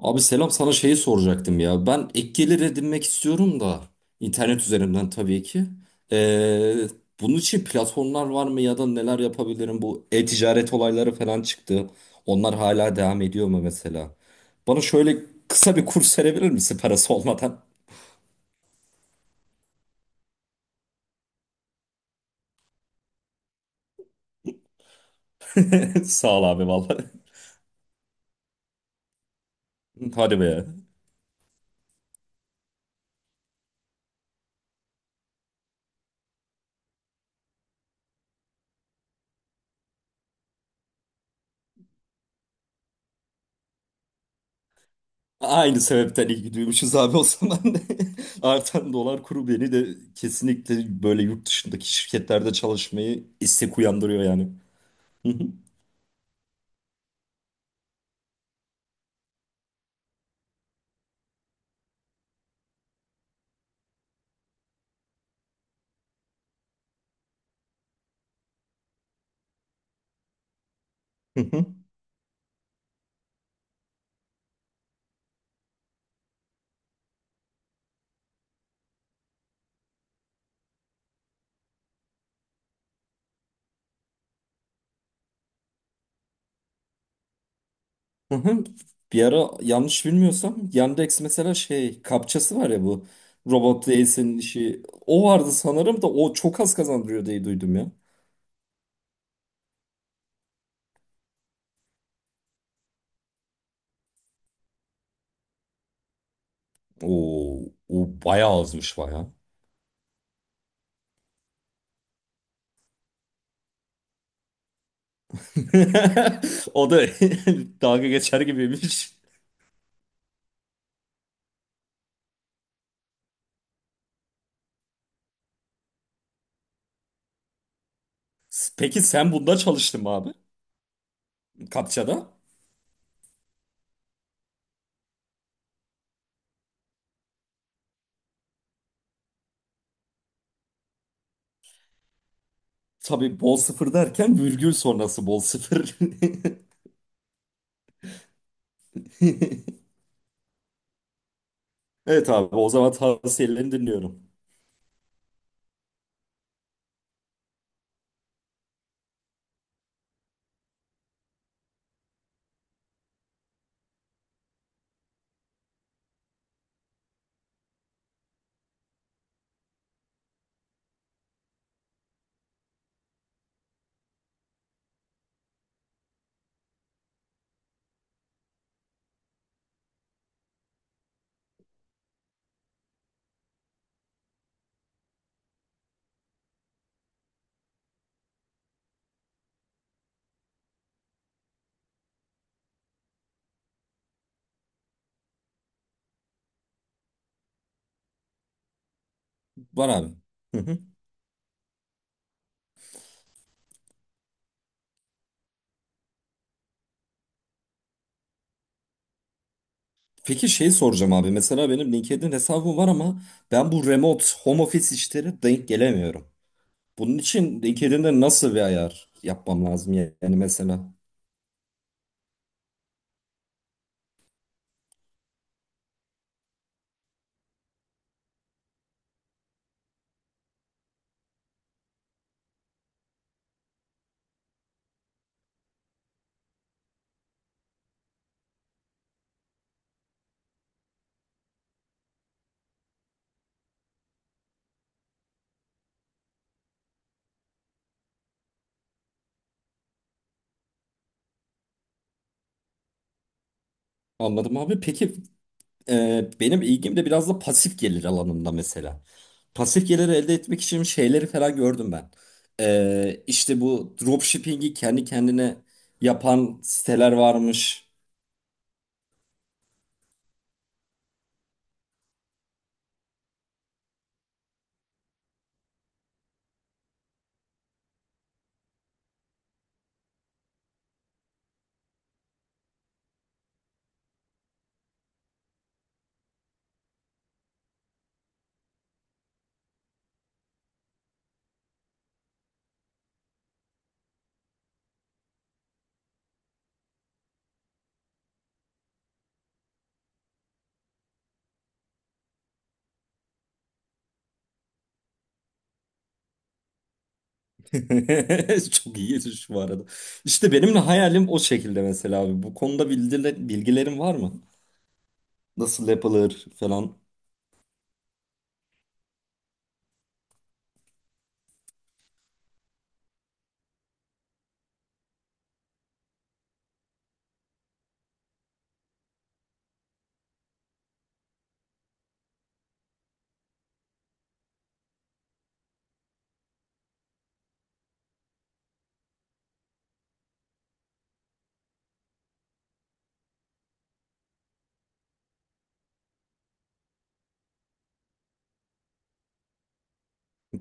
Abi selam, sana şeyi soracaktım ya. Ben ek gelir edinmek istiyorum da internet üzerinden tabii ki. Ee, Bunun için platformlar var mı ya da neler yapabilirim? Bu e-ticaret olayları falan çıktı. Onlar hala devam ediyor mu mesela? Bana şöyle kısa bir kurs verebilir misin parası olmadan? Sağ ol abi vallahi. Hadi be. Aynı sebepten ilgi duymuşuz abi o zaman. Artan dolar kuru beni de kesinlikle böyle yurt dışındaki şirketlerde çalışmayı istek uyandırıyor yani. Hı hı, hı hı, hı hı. Bir ara, yanlış bilmiyorsam, Yandex mesela, şey, kapçası var ya, bu robot değilsin işi, o vardı sanırım da o çok az kazandırıyor diye duydum ya. Oo, o bayağı azmış, baya. O da dalga geçer gibiymiş. Peki sen bunda çalıştın mı abi? Kapçada? Tabii, bol sıfır derken virgül sonrası bol sıfır. Evet abi, o zaman tavsiyelerini dinliyorum. Var abi. Peki şey soracağım abi. Mesela benim LinkedIn hesabım var ama ben bu remote home office işleri denk gelemiyorum. Bunun için LinkedIn'de nasıl bir ayar yapmam lazım yani mesela? Anladım abi. Peki, benim ilgim de biraz da pasif gelir alanında mesela. Pasif gelir elde etmek için şeyleri falan gördüm ben. E, işte bu dropshipping'i kendi kendine yapan siteler varmış. Çok iyi, yetiş bu arada. İşte benim de hayalim o şekilde mesela abi. Bu konuda bilgilerin var mı? Nasıl yapılır falan.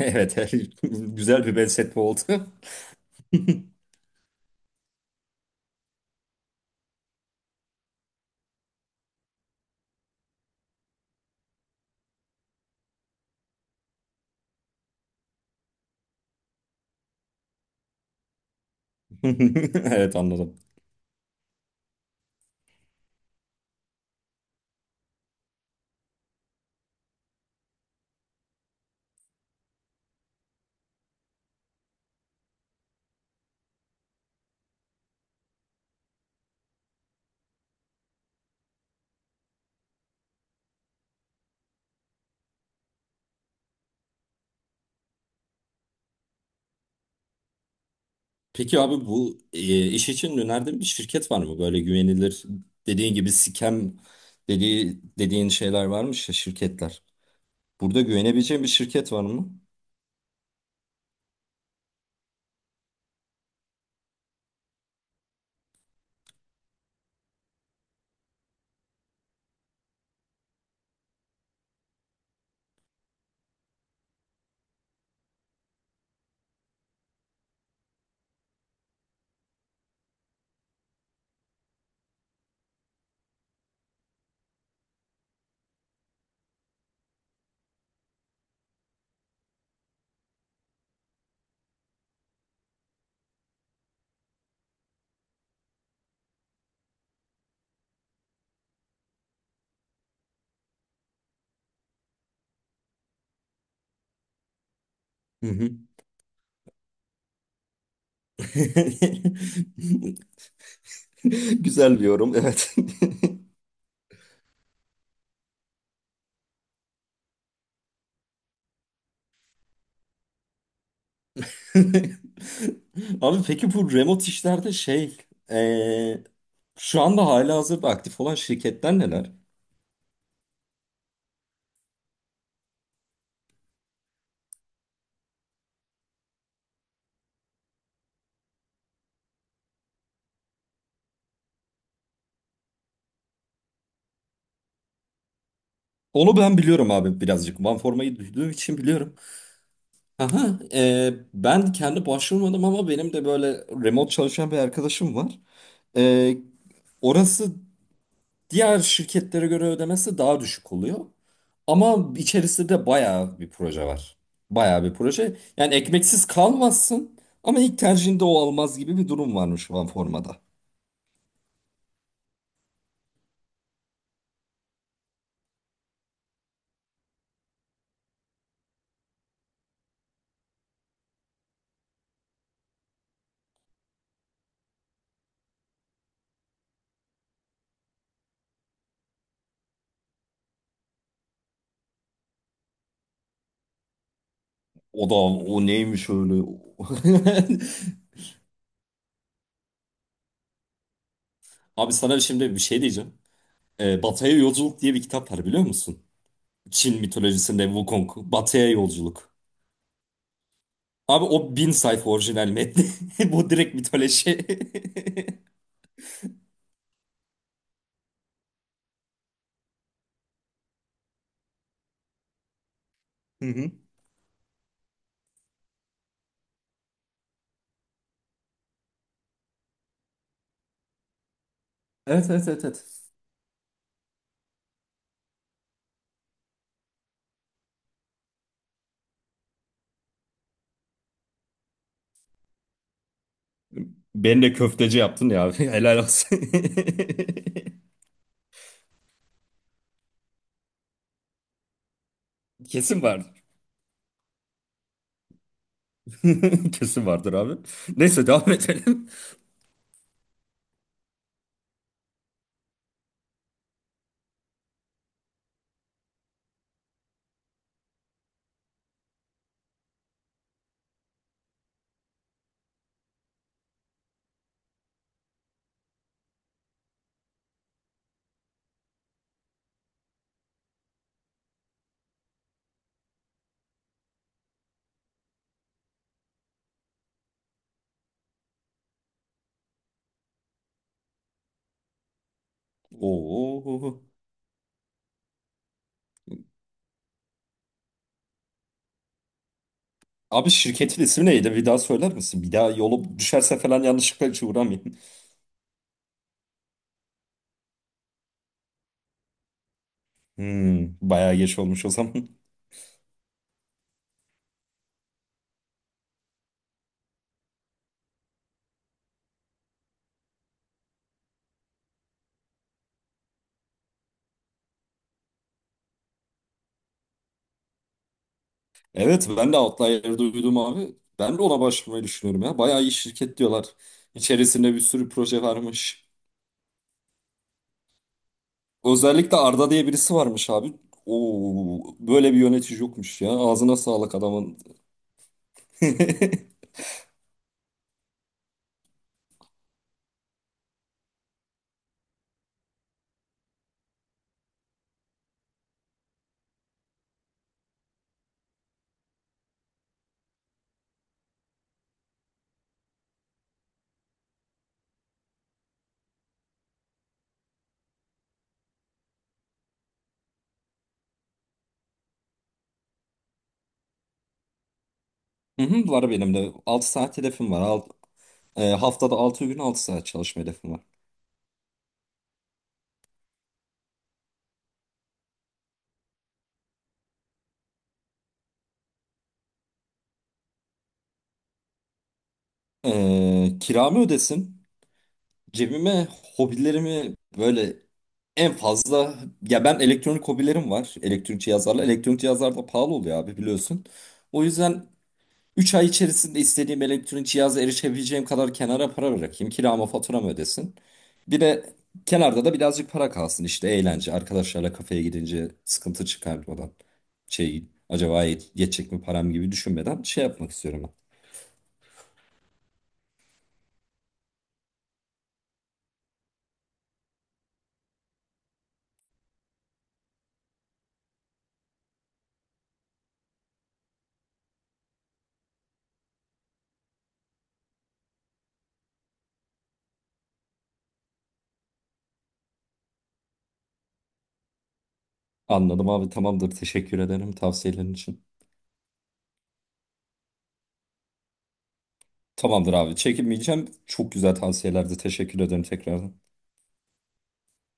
Evet, güzel bir benzetme oldu. Evet, anladım. Peki abi, bu iş için önerdiğin bir şirket var mı? Böyle güvenilir, dediğin gibi scam dediğin şeyler varmış ya, şirketler. Burada güvenebileceğin bir şirket var mı? Hı hı. Güzel bir yorum, evet. Abi peki, bu remote işlerde şey, eee, şu anda halihazırda aktif olan şirketler neler? Onu ben biliyorum abi, birazcık. OneForma'yı duyduğum için biliyorum. Aha, ben kendi başvurmadım ama benim de böyle remote çalışan bir arkadaşım var. Eee, Orası diğer şirketlere göre ödemesi daha düşük oluyor. Ama içerisinde de bayağı bir proje var. Bayağı bir proje. Yani ekmeksiz kalmazsın ama ilk tercihinde o almaz gibi bir durum varmış OneForma'da. O da, o neymiş öyle. Abi sana şimdi bir şey diyeceğim. Batı'ya Yolculuk diye bir kitap var, biliyor musun? Çin mitolojisinde Wukong. Batı'ya Yolculuk. Abi, o bin sayfa orijinal metni. Bu direkt mitoloji. Hı hı. Evet, evet, evet, evet. Beni de köfteci yaptın ya abi. Helal olsun. Kesin vardır. Kesin vardır abi. Neyse, devam edelim. Oo. Abi, şirketin ismi neydi? Bir daha söyler misin? Bir daha yolu düşerse falan yanlışlıkla hiç uğramayayım. Hmm, bayağı geç olmuş o zaman. Evet, ben de Outlier'ı duydum abi. Ben de ona başvurmayı düşünüyorum ya. Bayağı iyi şirket diyorlar. İçerisinde bir sürü proje varmış. Özellikle Arda diye birisi varmış abi. Oo, böyle bir yönetici yokmuş ya. Ağzına sağlık adamın. Hı hı, var benim de. Altı saat hedefim var. Haftada 6 gün 6 saat çalışma hedefim var. E, kiramı ödesin. Cebime, hobilerimi böyle, en fazla, ya ben, elektronik hobilerim var. Elektronik cihazlarla. Elektronik cihazlar da pahalı oluyor abi, biliyorsun. O yüzden 3 ay içerisinde istediğim elektronik cihaza erişebileceğim kadar kenara para bırakayım. Kiramı, faturamı ödesin. Bir de kenarda da birazcık para kalsın, işte eğlence. Arkadaşlarla kafeye gidince sıkıntı çıkarmadan, şey, acaba yetecek mi param gibi düşünmeden şey yapmak istiyorum ben. Anladım abi, tamamdır, teşekkür ederim tavsiyelerin için. Tamamdır abi. Çekinmeyeceğim. Çok güzel tavsiyelerdi. Teşekkür ederim tekrardan.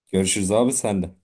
Görüşürüz abi, sen de.